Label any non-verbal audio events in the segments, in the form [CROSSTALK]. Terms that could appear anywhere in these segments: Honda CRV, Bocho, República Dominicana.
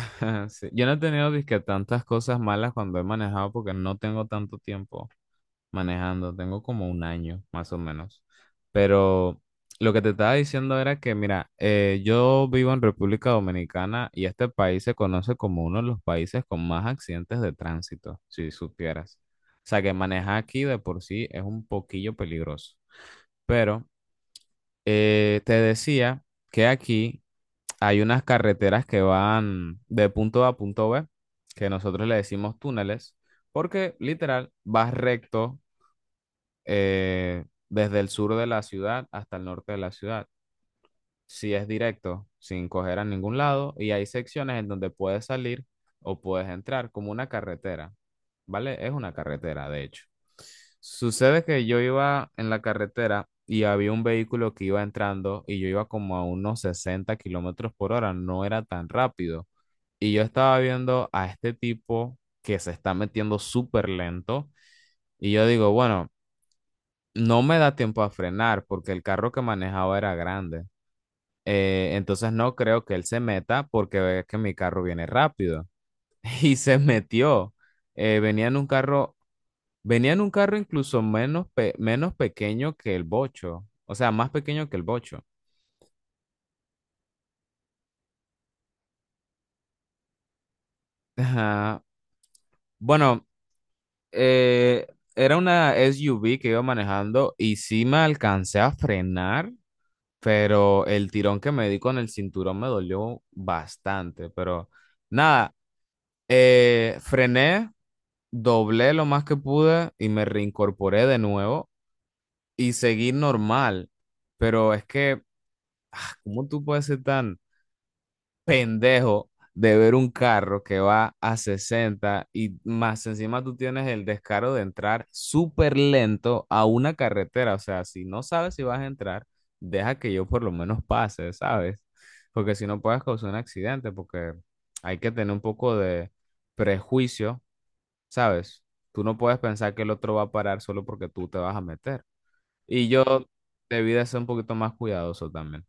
[LAUGHS] Sí, yo no he tenido disque tantas cosas malas cuando he manejado porque no tengo tanto tiempo manejando, tengo como un año más o menos. Pero lo que te estaba diciendo era que, mira, yo vivo en República Dominicana y este país se conoce como uno de los países con más accidentes de tránsito, si supieras. O sea, que manejar aquí de por sí es un poquillo peligroso. Pero te decía que aquí hay unas carreteras que van de punto A a punto B, que nosotros le decimos túneles, porque literal vas recto desde el sur de la ciudad hasta el norte de la ciudad si es directo, sin coger a ningún lado, y hay secciones en donde puedes salir o puedes entrar, como una carretera, ¿vale? Es una carretera, de hecho. Sucede que yo iba en la carretera y había un vehículo que iba entrando y yo iba como a unos 60 kilómetros por hora, no era tan rápido. Y yo estaba viendo a este tipo que se está metiendo súper lento y yo digo, bueno, no me da tiempo a frenar porque el carro que manejaba era grande. Entonces no creo que él se meta porque ve que mi carro viene rápido. [LAUGHS] Y se metió. Eh, venía en un carro, Venía en un carro incluso menos, menos pequeño que el Bocho. O sea, más pequeño que el Bocho. Ajá. Bueno, eh, era una SUV que iba manejando y sí me alcancé a frenar, pero el tirón que me di con el cinturón me dolió bastante. Pero nada. Frené, doblé lo más que pude y me reincorporé de nuevo y seguí normal. Pero es que, ¿cómo tú puedes ser tan pendejo de ver un carro que va a 60 y más encima tú tienes el descaro de entrar súper lento a una carretera? O sea, si no sabes si vas a entrar, deja que yo por lo menos pase, ¿sabes? Porque si no puedes causar un accidente, porque hay que tener un poco de prejuicio, ¿sabes? Tú no puedes pensar que el otro va a parar solo porque tú te vas a meter. Y yo debí de ser un poquito más cuidadoso también.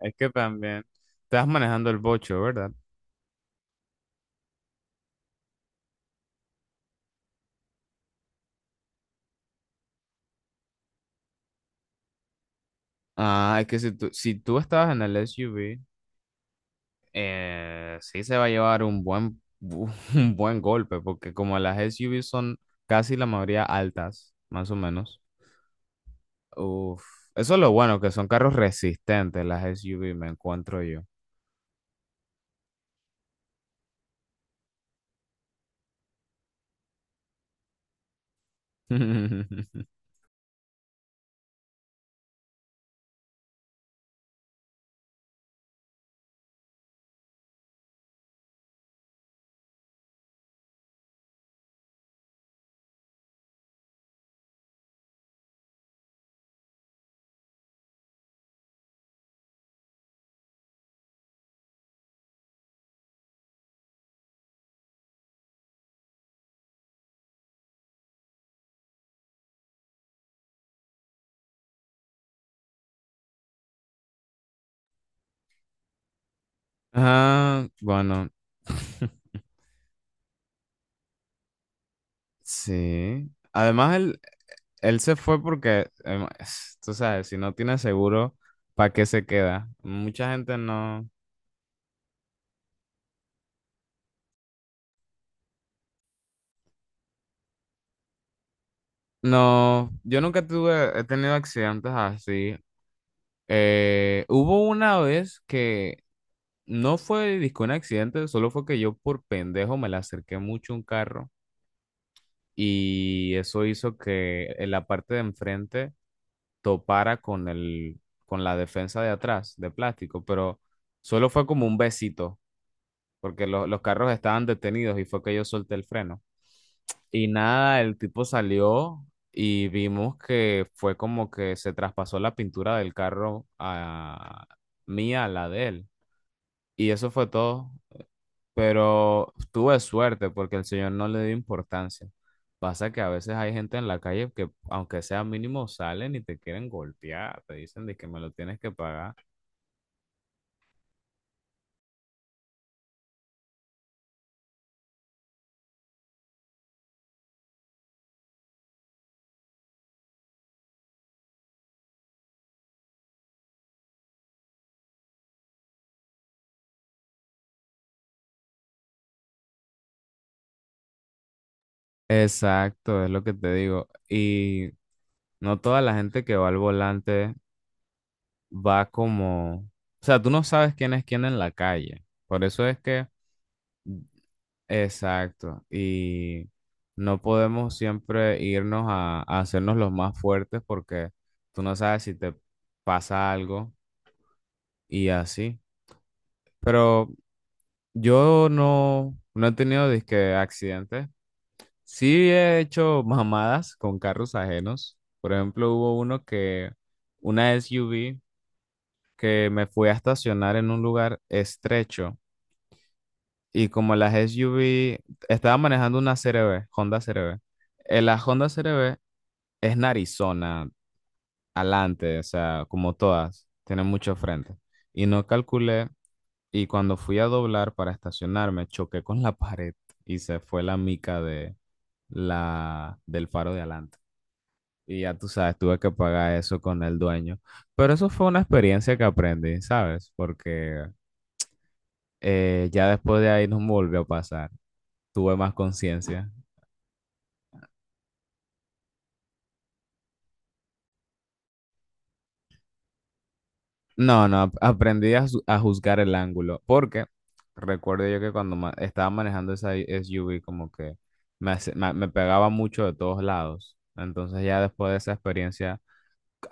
Es que también estás manejando el bocho, ¿verdad? Ah, es que si tú estabas en el SUV, sí se va a llevar un buen, [LAUGHS] un buen golpe, porque como las SUV son casi la mayoría altas, más o menos. Uf, eso es lo bueno, que son carros resistentes las SUV, me encuentro yo. [LAUGHS] Ah, bueno. [LAUGHS] Sí. Además, él se fue porque, tú sabes, si no tiene seguro, ¿para qué se queda? Mucha gente no... No, yo nunca tuve, he tenido accidentes así. Hubo una vez que no fue disco un accidente, solo fue que yo por pendejo me le acerqué mucho a un carro y eso hizo que en la parte de enfrente topara con con la defensa de atrás, de plástico, pero solo fue como un besito. Porque los carros estaban detenidos y fue que yo solté el freno. Y nada, el tipo salió y vimos que fue como que se traspasó la pintura del carro a mía, a la de él. Y eso fue todo. Pero tuve suerte porque el señor no le dio importancia. Pasa que a veces hay gente en la calle que, aunque sea mínimo, salen y te quieren golpear, te dicen de que me lo tienes que pagar. Exacto, es lo que te digo. Y no toda la gente que va al volante va como, o sea, tú no sabes quién es quién en la calle. Por eso es que, exacto, y no podemos siempre irnos a hacernos los más fuertes porque tú no sabes si te pasa algo y así. Pero yo no, no he tenido disque accidentes. Sí he hecho mamadas con carros ajenos. Por ejemplo, hubo uno que, una SUV que me fui a estacionar en un lugar estrecho. Y como las SUV, estaba manejando una CRV, Honda CRV. La Honda CRV es narizona, adelante, o sea, como todas, tiene mucho frente. Y no calculé, y cuando fui a doblar para estacionarme, choqué con la [LAUGHS] pared y se fue la mica de del faro de adelante. Y ya tú sabes, tuve que pagar eso con el dueño. Pero eso fue una experiencia que aprendí, ¿sabes? Porque ya después de ahí no me volvió a pasar. Tuve más conciencia. No, no, aprendí a, a juzgar el ángulo, porque recuerdo yo que cuando estaba manejando esa SUV como que me pegaba mucho de todos lados. Entonces ya después de esa experiencia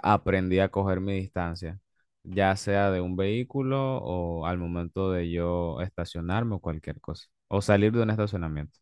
aprendí a coger mi distancia, ya sea de un vehículo o al momento de yo estacionarme o cualquier cosa, o salir de un estacionamiento.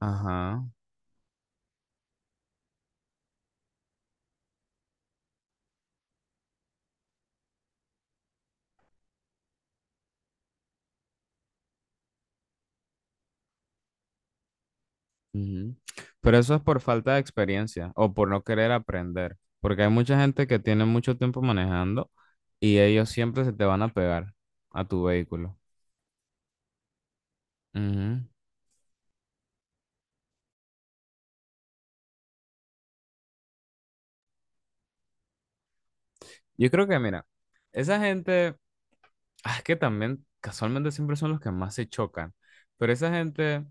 Ajá. Ujú. Pero eso es por falta de experiencia o por no querer aprender, porque hay mucha gente que tiene mucho tiempo manejando y ellos siempre se te van a pegar a tu vehículo. Ujú. Yo creo que, mira, esa gente, ah, es que también casualmente siempre son los que más se chocan, pero esa gente,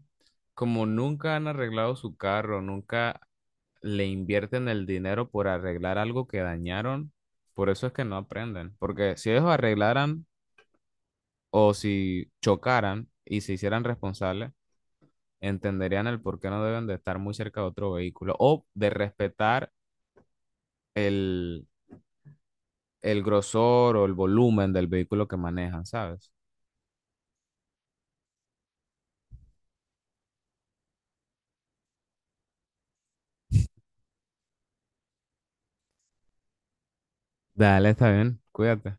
como nunca han arreglado su carro, nunca le invierten el dinero por arreglar algo que dañaron, por eso es que no aprenden, porque si ellos arreglaran o si chocaran y se hicieran responsables, entenderían el por qué no deben de estar muy cerca de otro vehículo o de respetar el, el grosor o el volumen del vehículo que manejan, ¿sabes? Dale, está bien, cuídate.